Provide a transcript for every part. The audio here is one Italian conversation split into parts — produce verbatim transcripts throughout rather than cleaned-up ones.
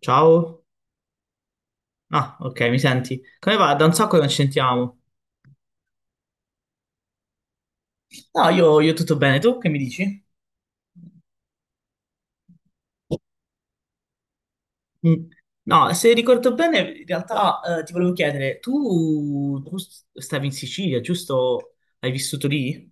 Ciao. Ah, ok, mi senti? Come va? Da un sacco che non ci sentiamo. No, io, io tutto bene, tu che mi dici? Mm. No, se ricordo bene, in realtà eh, ti volevo chiedere, tu, tu stavi in Sicilia, giusto? Hai vissuto lì?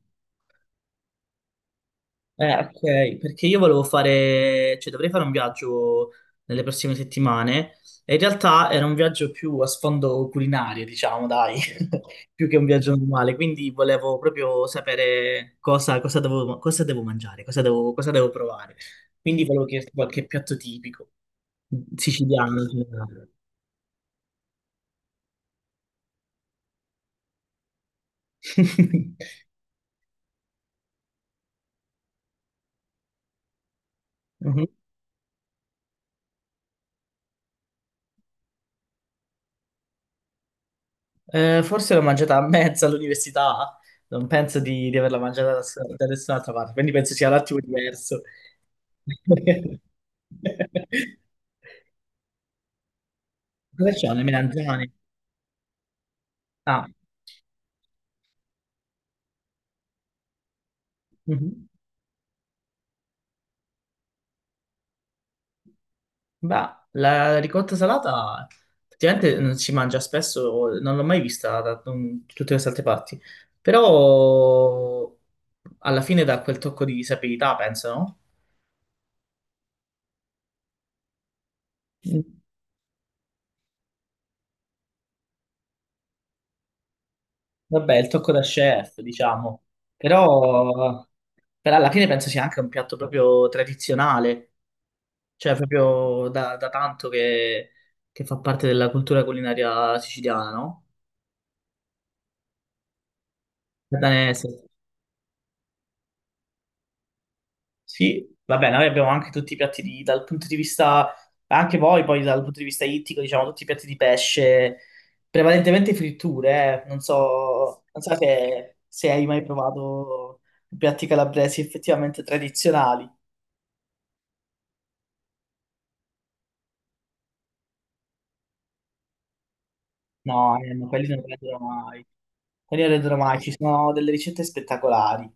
Eh, ok, perché io volevo fare, cioè dovrei fare un viaggio nelle prossime settimane e in realtà era un viaggio più a sfondo culinario, diciamo, dai, più che un viaggio normale, quindi volevo proprio sapere cosa, cosa devo, cosa devo mangiare, cosa devo, cosa devo provare. Quindi volevo chiederti qualche piatto tipico siciliano in generale. Mhm. Eh, forse l'ho mangiata a mezzo all'università, non penso di, di averla mangiata da, da nessun'altra parte, quindi penso sia un attimo diverso. Cosa c'ho? Le melanzane? Ah, mhm. Beh, la ricotta salata effettivamente non si mangia spesso, non l'ho mai vista da da un- tutte queste altre parti, però alla fine dà quel tocco di sapidità, penso, no? Mm. Vabbè, il tocco da chef, diciamo, però, però alla fine penso sia anche un piatto proprio tradizionale. Cioè, proprio da, da tanto che, che fa parte della cultura culinaria siciliana, no? Danese. Sì, va bene, noi abbiamo anche tutti i piatti di, dal punto di vista, anche voi poi dal punto di vista ittico, diciamo, tutti i piatti di pesce, prevalentemente fritture, eh. Non so, non so se, se hai mai provato piatti calabresi effettivamente tradizionali. No, eh, ma quelli non rendono mai. Quelli non rendono mai, ci sono delle ricette spettacolari.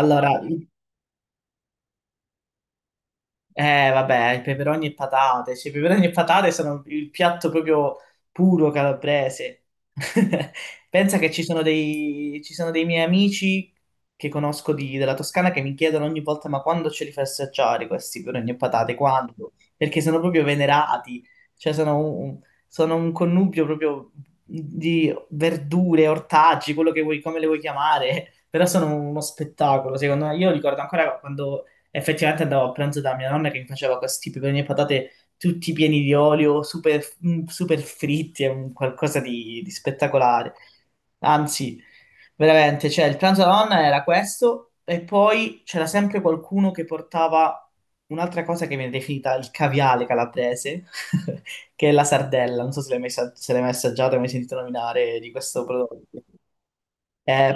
Allora, Eh, vabbè, i peperoni e patate. Cioè, i peperoni e patate sono il piatto proprio puro calabrese. Pensa che ci sono dei, ci sono dei miei amici che conosco di- della Toscana che mi chiedono ogni volta: ma quando ce li fai assaggiare questi peperoni e patate? Quando? Perché sono proprio venerati. Cioè, sono un, sono un connubio proprio di verdure, ortaggi, quello che vuoi, come le vuoi chiamare. Però sono uno spettacolo, secondo me. Io ricordo ancora quando effettivamente andavo a pranzo da mia nonna che mi faceva questi peperoni e patate tutti pieni di olio, super, mm, super fritti, è un qualcosa di, di spettacolare. Anzi, veramente, cioè il pranzo della nonna era questo e poi c'era sempre qualcuno che portava un'altra cosa che viene definita il caviale calabrese, che è la sardella. Non so se l'hai mai, sa- se l'hai mai assaggiato, hai mai sentito nominare di questo prodotto. Eh,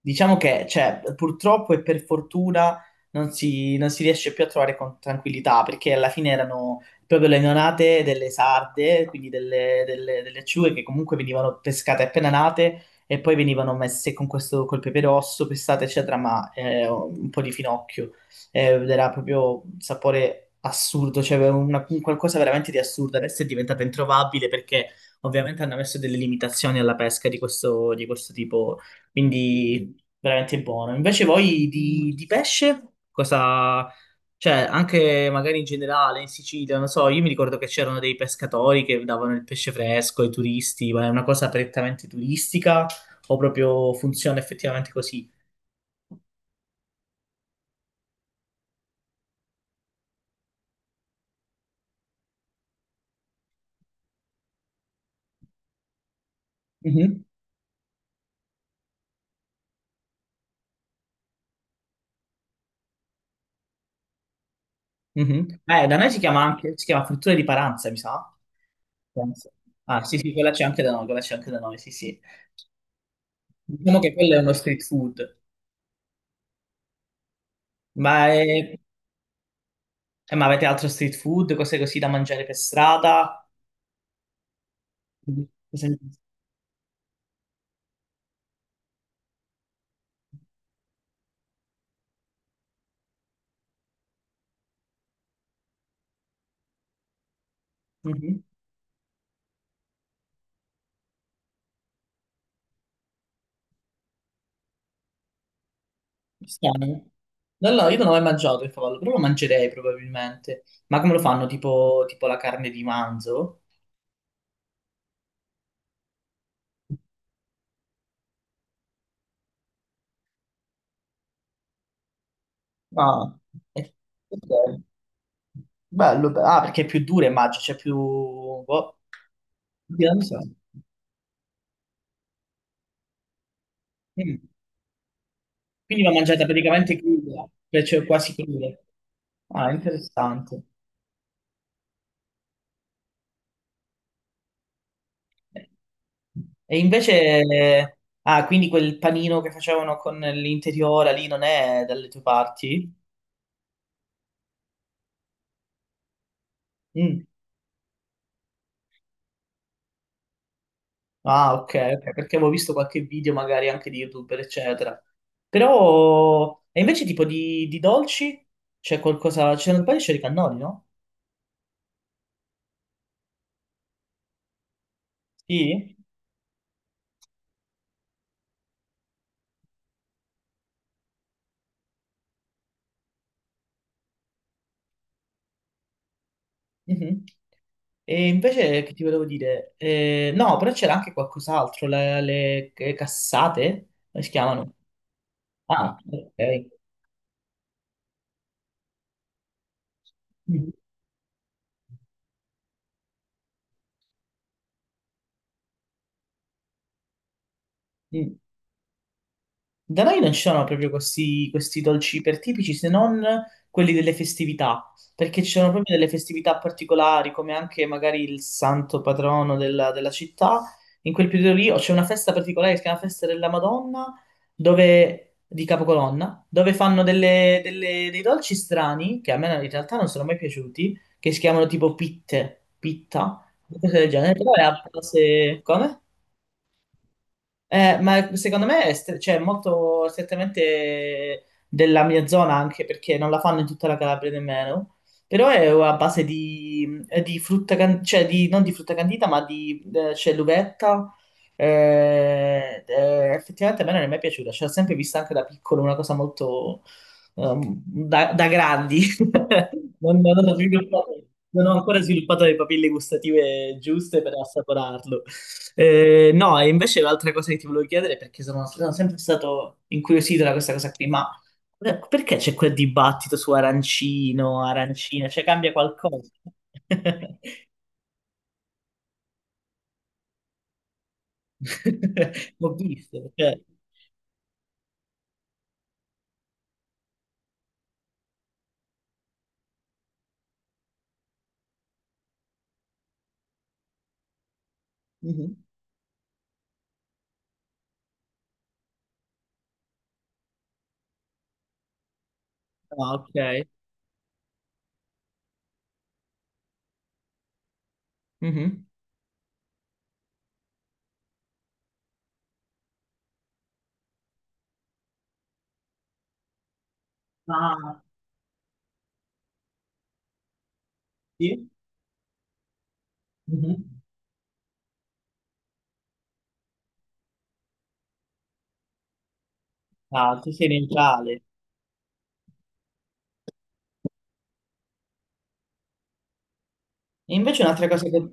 Diciamo che, cioè, purtroppo e per fortuna non si, non si riesce più a trovare con tranquillità, perché alla fine erano proprio le neonate delle sarde, quindi delle, delle, delle acciughe che comunque venivano pescate appena nate e poi venivano messe con questo, col pepe rosso, pestate, eccetera, ma eh, un po' di finocchio. Eh, ed era proprio un sapore assurdo, cioè aveva una- un qualcosa veramente di assurdo. Adesso è diventata introvabile perché ovviamente hanno messo delle limitazioni alla pesca di questo, di questo tipo. Quindi veramente buono. Invece voi di, di pesce, cosa... Cioè, anche magari in generale in Sicilia, non so, io mi ricordo che c'erano dei pescatori che davano il pesce fresco ai turisti, ma è una cosa prettamente turistica o proprio funziona effettivamente così? Mhm, mhm. Eh, da noi si chiama anche, si chiama frittura di Paranza, mi sa. Penso. Ah, sì, sì, quella c'è anche da noi, quella c'è anche da noi, sì, sì. Diciamo che quello è uno street food. Ma, è- eh, ma avete altro street food, cose così da mangiare per strada? Cosa ne pensi? Mhm. Strano. No, no, io non ho mai mangiato il cavallo, però lo mangerei probabilmente. Ma come lo fanno? Tipo, tipo la carne di manzo? Ah, eh, ok. Bello, be- ah, perché è più dura, immagino, c'è più... boh, io non lo so. Mm. Quindi va mangiata praticamente cruda, cioè cioè quasi cruda. Ah, interessante. E invece, ah, quindi quel panino che facevano con l'interiora lì non è dalle tue parti? Mm. Ah, ok, ok, perché avevo visto qualche video magari anche di YouTuber, eccetera. Però, e invece tipo di, di dolci? C'è qualcosa, c'è un paio di cannoli, no? Sì? Mhm. E invece che ti volevo dire? Eh, no, però c'era anche qualcos'altro, le, le cassate, come si chiamano? Ah, ok. Mm. Mm. Da noi non ci sono proprio questi, questi dolci ipertipici se non quelli delle festività, perché ci sono proprio delle festività particolari, come anche magari il santo patrono della, della città. In quel periodo lì o c'è una festa particolare che si chiama Festa della Madonna, dove, di Capocolonna, dove fanno delle- delle- dei dolci strani, che a me in realtà non sono mai piaciuti, che si chiamano tipo pitte, pitta, cose del genere. Però è a base... Come? Eh, ma secondo me è stre- cioè, molto strettamente della mia zona anche perché non la fanno in tutta la Calabria nemmeno, però è a base di, eh, di frutta, can- cioè di, non di frutta candita ma di eh, c'è l'uvetta. Eh, eh, effettivamente a me non è mai piaciuta, cioè, l'ho sempre vista anche da piccolo, una cosa molto ehm, da, da grandi. Non, non ho sviluppato- non ho ancora sviluppato le papille gustative giuste per assaporarlo. Eh, no, e invece l'altra cosa che ti volevo chiedere, perché sono, sono sempre stato incuriosito da questa cosa qui, ma eh, perché c'è quel dibattito su arancino, arancina? Cioè cambia qualcosa? L'ho visto, cioè. Mhm. Ah, ok. Mhm. Ah, sì. Mhm. Ah, tu sei neutrale. E invece un'altra cosa che...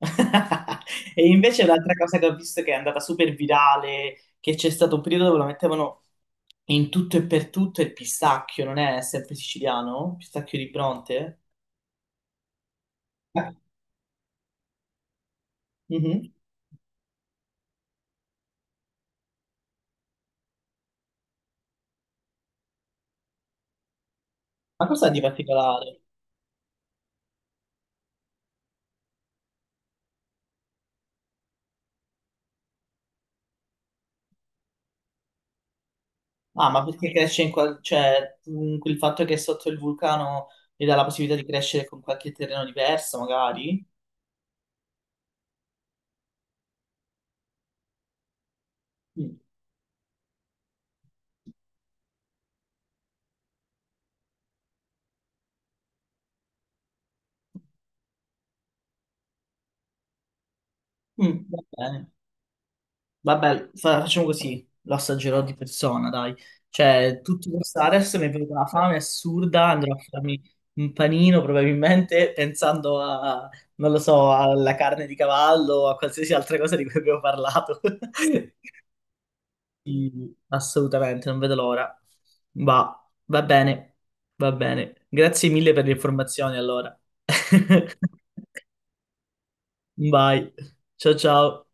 E invece l'altra cosa che ho visto che è andata super virale, che c'è stato un periodo dove lo mettevano in tutto e per tutto, è il pistacchio, non è sempre siciliano? Pistacchio di Bronte? Ah, mhm. Ma cosa di particolare? Ah, ma perché cresce in qual... cioè, mm, il fatto che è sotto il vulcano gli dà la possibilità di crescere con qualche terreno diverso, magari? Mm. Mm, va bene. Vabbè, fa- facciamo così, lo assaggerò di persona, dai. Cioè, tutti questi adesso mi è venuta una fame assurda, andrò a farmi un panino probabilmente pensando a, non lo so, alla carne di cavallo o a qualsiasi altra cosa di cui abbiamo parlato. Sì, assolutamente, non vedo l'ora. Va, va bene, va bene. Grazie mille per le informazioni, allora. Vai, ciao ciao.